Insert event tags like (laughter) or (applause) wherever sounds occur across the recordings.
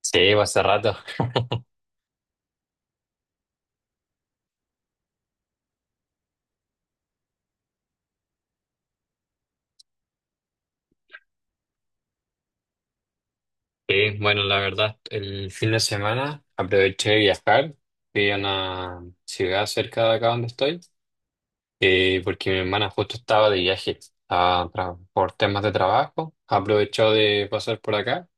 Sí, fue hace rato. (laughs) Sí, bueno, la verdad, el fin de semana aproveché de viajar. Fui a una ciudad cerca de acá donde estoy, porque mi hermana justo estaba de viaje, por temas de trabajo. Aprovechó de pasar por acá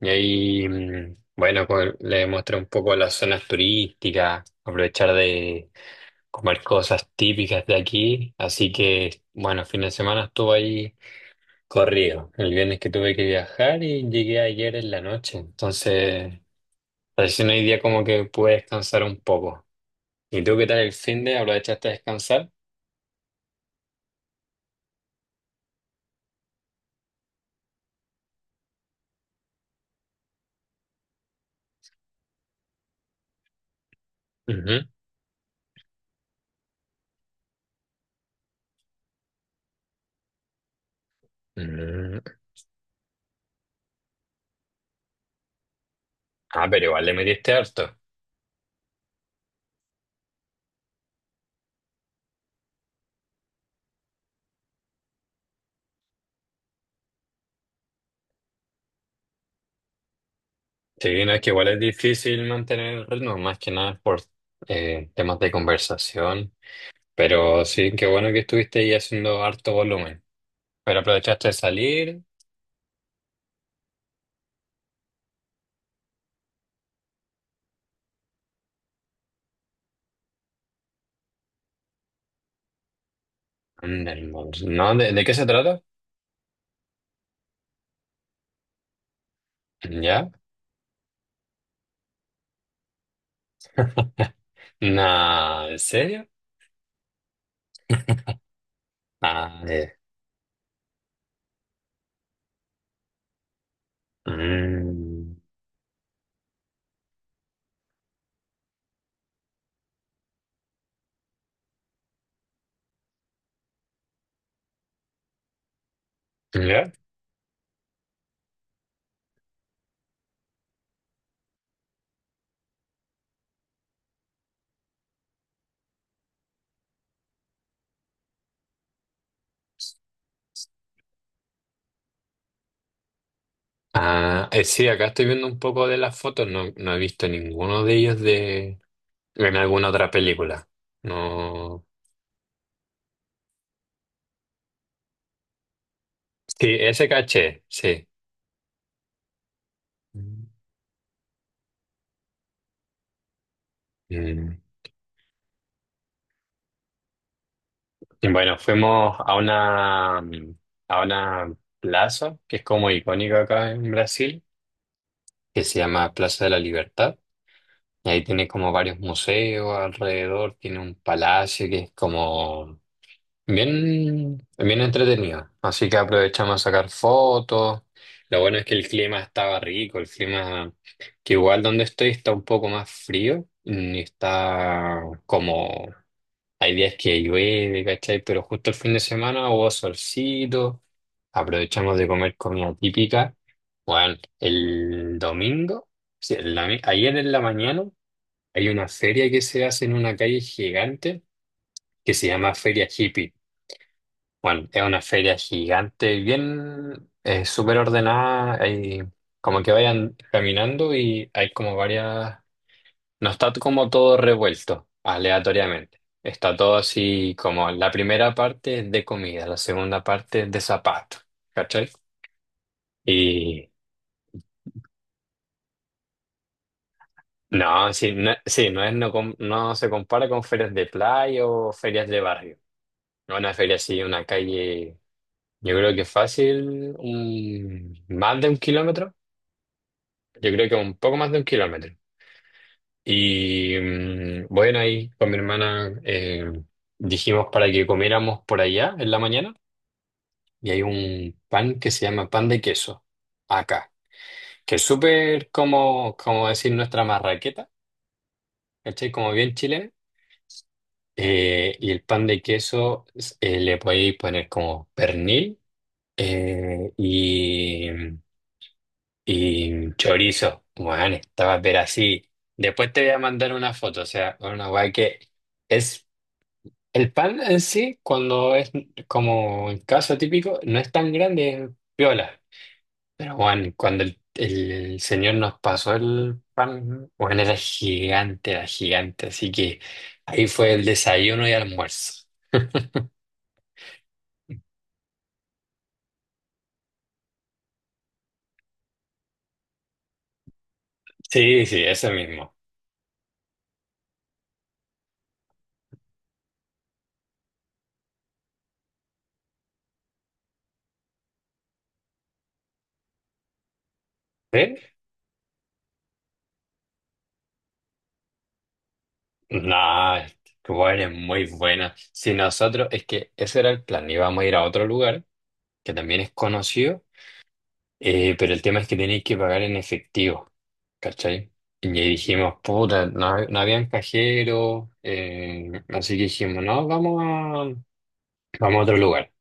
y ahí, bueno, pues, le mostré un poco las zonas turísticas, aprovechar de comer cosas típicas de aquí. Así que, bueno, fin de semana estuve ahí corrido. El viernes que tuve que viajar y llegué ayer en la noche. Entonces, recién hoy día como que pude descansar un poco. ¿Y tú qué tal el fin de? ¿Aprovechaste a descansar? Ujú. Mm. Ah, pero igual le metiste harto. Sí, no, es que igual es difícil mantener el ritmo, más que nada por temas de conversación. Pero sí, qué bueno que estuviste ahí haciendo harto volumen. Pero aprovechaste de salir. Anda, hermoso. ¿No? ¿De qué se trata? ¿Ya? Nah, ¿en serio? Ah, ya. Mm. ¿Ya? Ah, sí, acá estoy viendo un poco de las fotos. No, no he visto ninguno de ellos de en alguna otra película. No. Sí, ese caché, sí. Mm. Y bueno, fuimos a una plaza que es como icónica acá en Brasil, que se llama Plaza de la Libertad. Y ahí tiene como varios museos alrededor, tiene un palacio que es como bien, bien entretenido. Así que aprovechamos a sacar fotos. Lo bueno es que el clima estaba rico, el clima que igual donde estoy está un poco más frío, ni está como hay días que llueve, ¿cachai? Pero justo el fin de semana hubo solcito, aprovechamos de comer comida típica. Bueno, el domingo, sí, ayer en la mañana hay una feria que se hace en una calle gigante que se llama Feria Hippie. Bueno, es una feria gigante, bien, súper ordenada, hay como que vayan caminando y hay como varias, no está como todo revuelto aleatoriamente, está todo así como la primera parte es de comida, la segunda parte es de zapatos, ¿cachai? Y no, sí, no, sí, no es, no, no se compara con ferias de playa o ferias de barrio, una feria así, una calle, yo creo que fácil, más de un kilómetro. Yo creo que un poco más de un kilómetro. Y bueno, ahí con mi hermana dijimos para que comiéramos por allá en la mañana. Y hay un pan que se llama pan de queso acá, que es súper como, como decir nuestra marraqueta, ¿cachai? Como bien chilena. Y el pan de queso le podéis poner como pernil eh,, y chorizo, bueno, estaba pero así. Después te voy a mandar una foto, o sea, una guay que es el pan en sí, cuando es como el caso típico, no es tan grande, es piola. Pero bueno, cuando el señor nos pasó el pan, bueno, era gigante, así que ahí fue el desayuno y almuerzo. Sí, sí, eso mismo. ¿Sí? No, Cuba es muy buena. Si nosotros, es que ese era el plan, íbamos a ir a otro lugar que también es conocido, pero el tema es que tenéis que pagar en efectivo, ¿cachai? Y dijimos, puta, no, no habían cajeros, así que dijimos, no, vamos a otro lugar.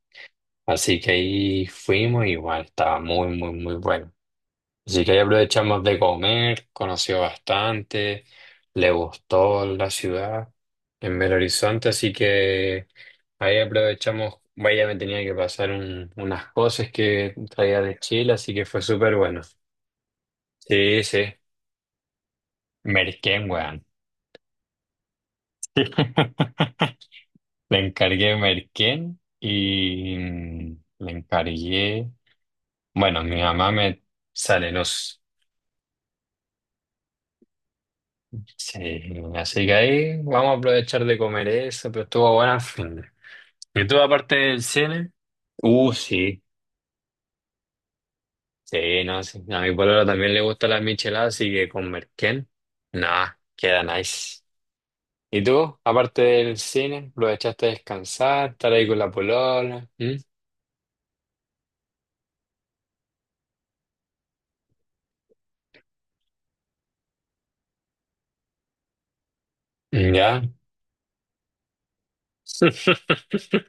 Así que ahí fuimos y bueno, estaba muy, muy, muy bueno. Así que ahí aprovechamos de comer, conoció bastante, le gustó la ciudad en Belo Horizonte, así que ahí aprovechamos, vaya, me tenía que pasar unas cosas que traía de Chile, así que fue súper bueno. Sí, sí, merquén, weón. (laughs) Le encargué merquén y le encargué, bueno, mi mamá me sale, sí, así que ahí vamos a aprovechar de comer eso, pero estuvo bueno al fin. De. ¿Y tú aparte del cine? Sí, sí, no, sí. A mi pololo también le gusta la michelada, así que con merquén, nada, queda nice. ¿Y tú, aparte del cine, aprovechaste de descansar, estar ahí con la polola? ¿Mm? Mm, ¿ya? (laughs)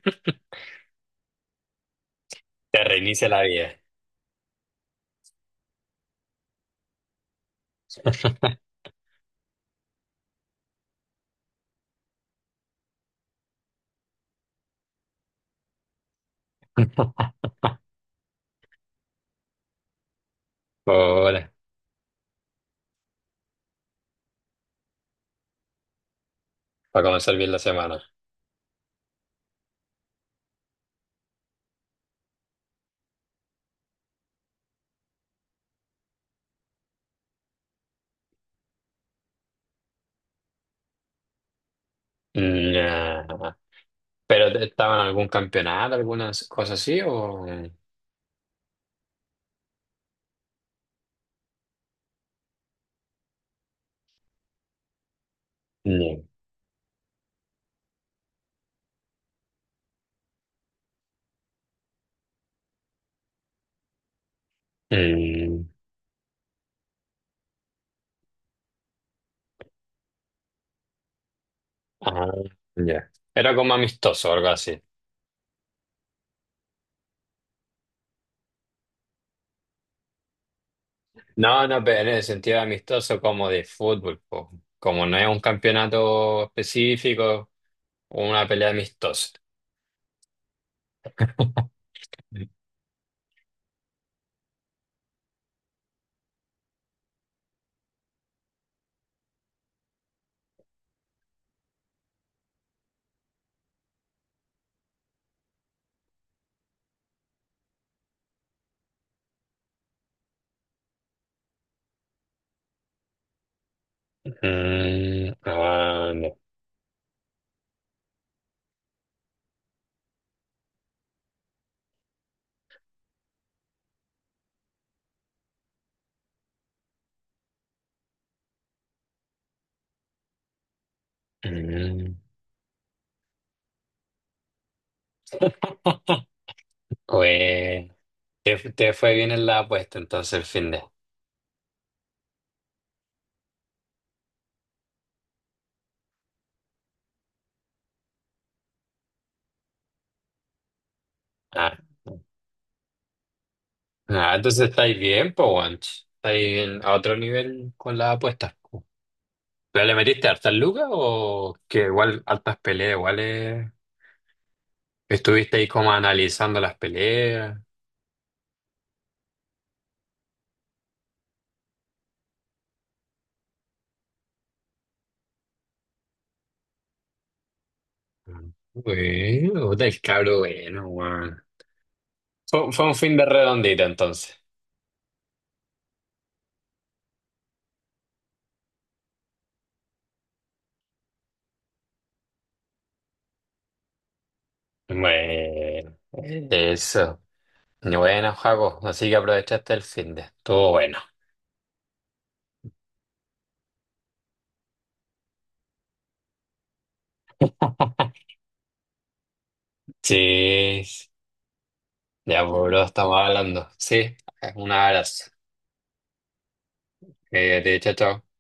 Te reinicia la vida. Hola, para comenzar bien la semana. Nah. ¿Pero te- estaba en algún campeonato, algunas cosas así o...? No. Mm, ah, ya. Era como amistoso o algo así. No, no, pero en el sentido de amistoso como de fútbol, po. Como no es un campeonato específico una pelea amistosa. (laughs) Mm, ah, no. Mm. (laughs) Pues, te fue bien en la apuesta entonces el fin de... Ah. Ah, entonces estáis bien, po, guancho. Estáis en- a otro nivel con las apuestas. Po. ¿Pero le metiste hartas lucas o que igual hartas peleas, igual estuviste ahí como analizando las peleas? Bueno, puta, el cabro bueno, weón. Fue, fue un fin de redondito entonces. Bueno, eso. Bueno, Jaco, así que aprovechaste el fin de. Estuvo bueno. (laughs) Sí, ya, pues, bro, estamos hablando. Sí, un abrazo. Te chao, chao.